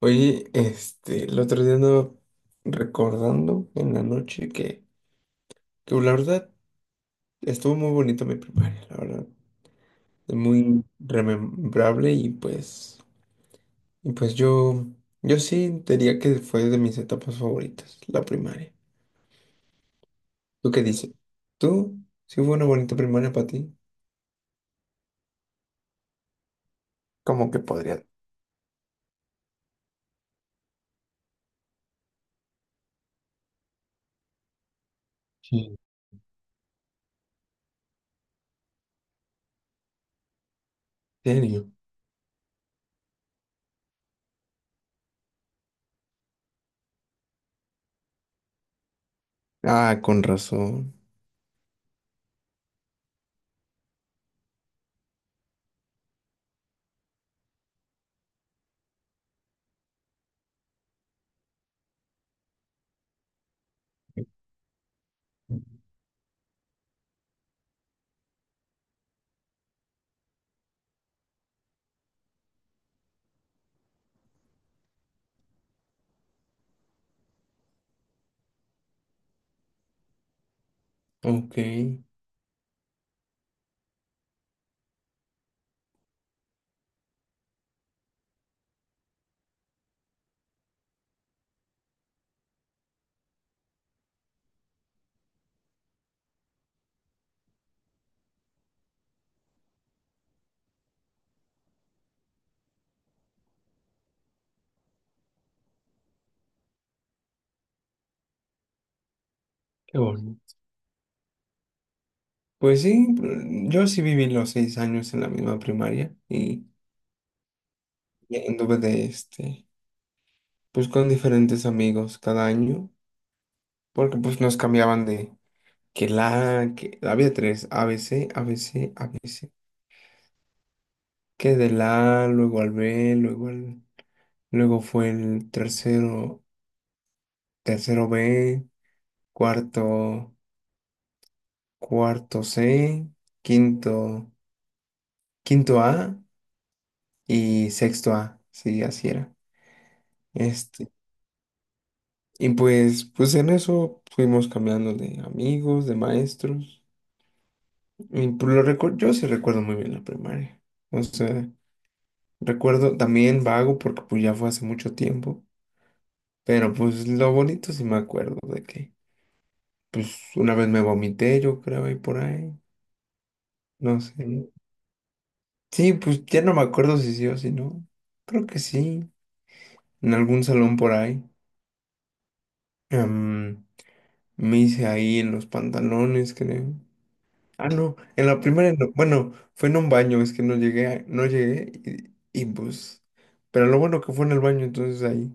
Oye, el otro día andaba recordando en la noche que la verdad estuvo muy bonito mi primaria, la verdad, muy remembrable y pues yo sí diría que fue de mis etapas favoritas, la primaria. ¿Tú qué dices? ¿Tú? ¿Sí fue una bonita primaria para ti? ¿Cómo que podría? Sí. ¿En serio? Ah, con razón. Ok, qué bueno. Pues sí, yo sí viví los 6 años en la misma primaria y anduve pues con diferentes amigos cada año, porque pues nos cambiaban de que había tres, A B B C A B C A B C luego al B, luego fue el tercero B, cuarto, cuarto C, quinto, quinto A y sexto A, sí, así era. Este, y pues en eso fuimos cambiando de amigos, de maestros. Y por lo recuerdo, yo sí recuerdo muy bien la primaria. O sea, recuerdo también vago porque pues ya fue hace mucho tiempo. Pero pues lo bonito sí me acuerdo de que pues una vez me vomité, yo creo, ahí por ahí. No sé. Sí, pues ya no me acuerdo si sí o si no. Creo que sí. En algún salón por ahí. Em, me hice ahí en los pantalones, creo. Ah, no, en la primera, bueno, fue en un baño, es que no llegué, no llegué y, pues, pero lo bueno que fue en el baño, entonces ahí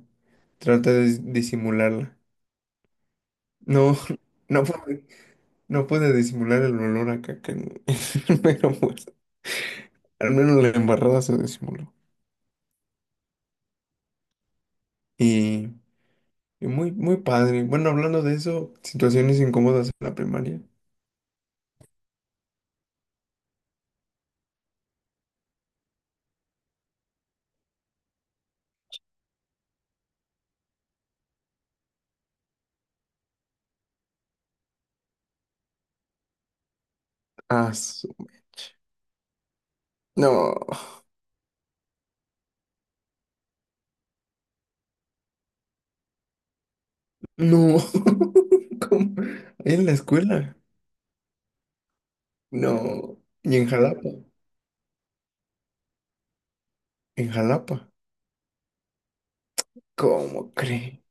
traté de disimularla. No, no pude, no pude disimular el olor a caca, pero pues, al menos la embarrada se disimuló. Y, y muy, muy padre. Bueno, hablando de eso, situaciones incómodas en la primaria. Ah, su mecha. No, no, ¿cómo? En la escuela. No, y en Jalapa, ¿cómo cree?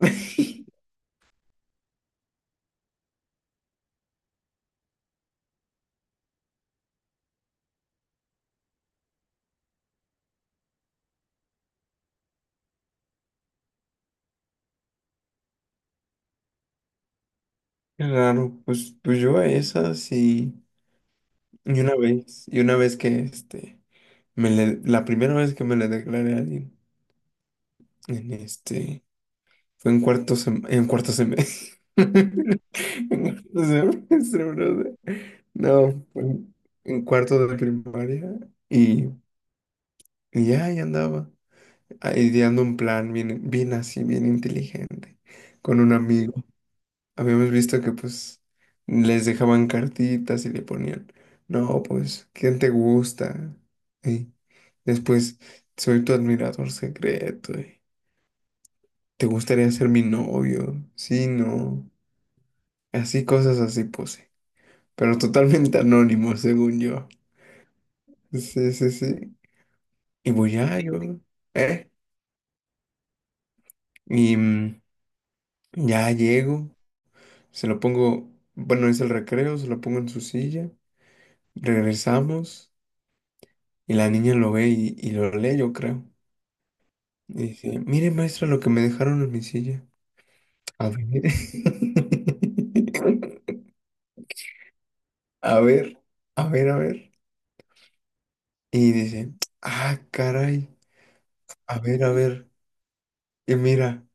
Claro, pues yo a esas y y una vez que este, me le- la primera vez que me le declaré a alguien, en este, fue en en cuarto semestre. En cuarto semestre, brother. No, fue en cuarto de primaria y, y ya ahí andaba, ideando un plan bien así, bien inteligente, con un amigo. Habíamos visto que pues les dejaban cartitas y le ponían, no, pues, ¿quién te gusta? Y después, soy tu admirador secreto. Y, ¿te gustaría ser mi novio? Sí, no. Así cosas así puse. Pero totalmente anónimo, según yo. Sí, sí, sí. Y voy ya, yo, ¿eh? Y ya llego, se lo pongo, bueno, es el recreo, se lo pongo en su silla, regresamos. Y la niña lo ve y lo lee, yo creo. Y dice, mire, maestra, lo que me dejaron en mi silla. A ver. A ver, a ver, a ver. Y dice, ah, caray, a ver, a ver. Y mira,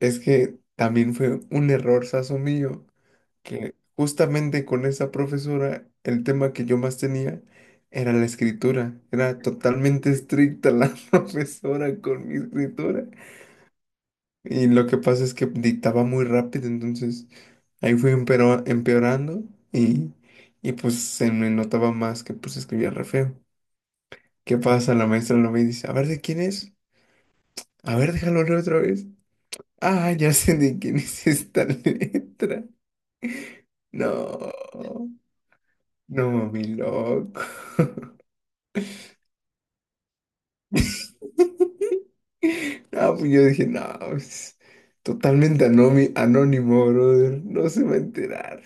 es que también fue un error sazo mío, que justamente con esa profesora, el tema que yo más tenía era la escritura. Era totalmente estricta la profesora con mi escritura. Y lo que pasa es que dictaba muy rápido, entonces ahí fui empeorando y, y pues se me notaba más que pues escribía re feo. ¿Qué pasa? La maestra lo ve y dice, a ver, ¿de quién es? A ver, déjalo leer otra vez. Ah, ya sé de quién es esta letra. No, no, mi loco. Ah, pues yo dije, no, es totalmente anónimo, brother. No se va a enterar.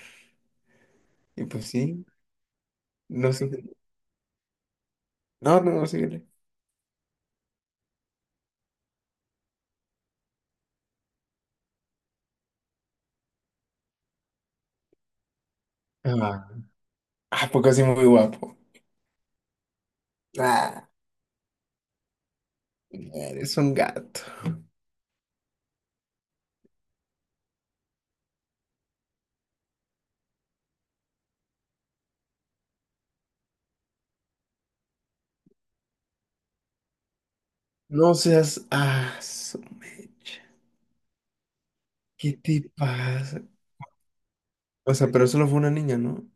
Y pues sí, no sé. No, no, no, síguele. Ah, Ah, porque así muy guapo. Ah, eres un gato. No seas. Ah, su mecha. ¿Qué te pasa? O sea, pero solo fue una niña, ¿no?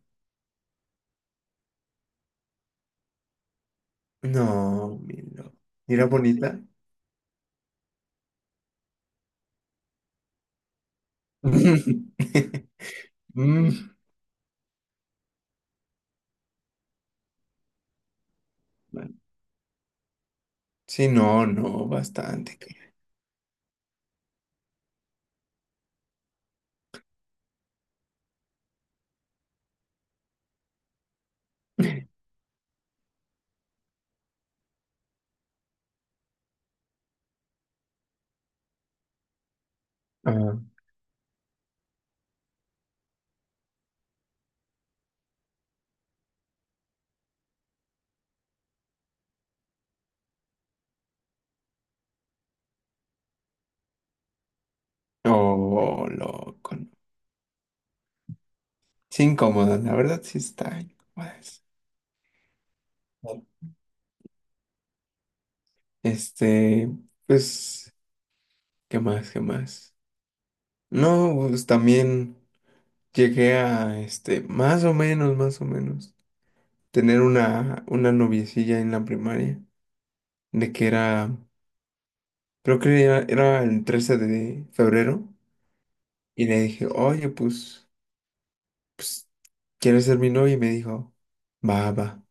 No, mira. Mira bonita. Mm, bueno. Sí, no, no, bastante. Ah, oh, loco. No. Sí, incómoda, la verdad sí está incómoda. Este, pues, ¿qué más? ¿Qué más? No, pues también llegué a, más o menos, tener una noviecilla en la primaria, de que era, creo que era, era el 13 de febrero, y le dije, oye, pues, ¿quieres ser mi novia? Y me dijo, va, va.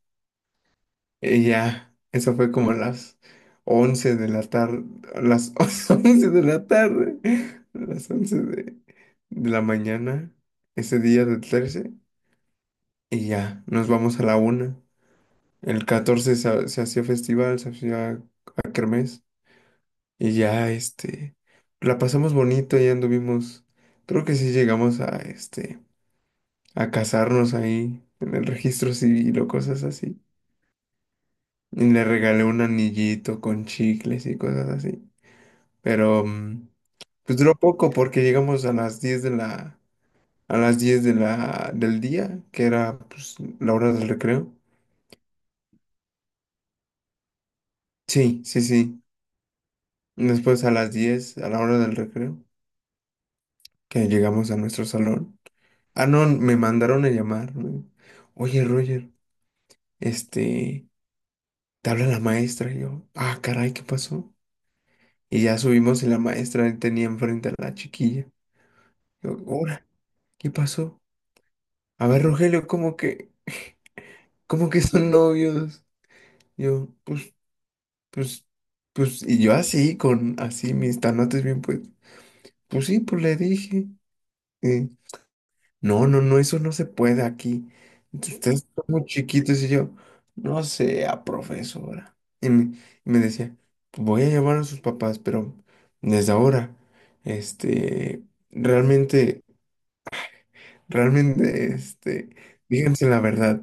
Y ya, eso fue como a las 11 de la tarde, a las 11 de la tarde, a las 11 de la mañana, ese día del 13. Y ya, nos vamos a la 1. El 14 se hacía festival, se hacía a kermés. Y ya, la pasamos bonito, ya anduvimos. Creo que sí llegamos a casarnos ahí en el registro civil o cosas así. Y le regalé un anillito con chicles y cosas así. Pero, pues duró poco porque llegamos a las 10 de la, a las 10 de la, del día, que era, pues, la hora del recreo. Sí, sí, sí. Después a las 10 a la hora del recreo, que llegamos a nuestro salón. Ah, no, me mandaron a llamar. ¿No? Oye, Roger, este, te habla la maestra. Y yo, ah, caray, ¿qué pasó? Y ya subimos y la maestra tenía enfrente a la chiquilla. Yo, ahora, ¿qué pasó? A ver, Rogelio, ¿cómo que son novios? Yo, pues, pues, y yo así, con así mis tanotes bien, pues sí, pues le dije. eh, No, no, no, eso no se puede aquí. Ustedes son muy chiquitos y yo, no sea profesora. Y me decía, voy a llamar a sus papás, pero desde ahora, este, realmente, realmente, díganse la verdad,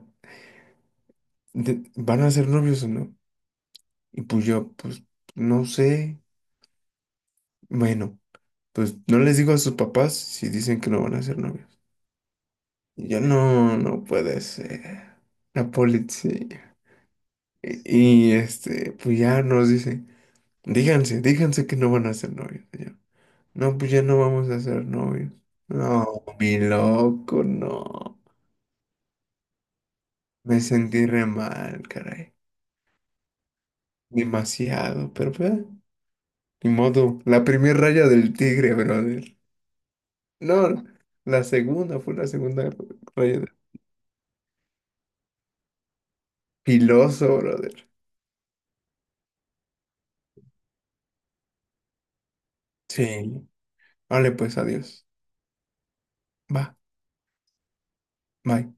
¿van a ser novios o no? Y pues yo, pues, no sé. Bueno, pues no les digo a sus papás si dicen que no van a ser novios. Y yo, no, no puede ser. La policía. Y, pues ya nos dice, díganse que no van a ser novios. Y yo, no, pues ya no vamos a ser novios. No, mi loco, no. Me sentí re mal, caray. Demasiado, pero pues, ni modo. La primera raya del tigre, brother. No, la segunda fue la segunda raya del filoso, brother. Sí. Vale, pues adiós. Va, bye.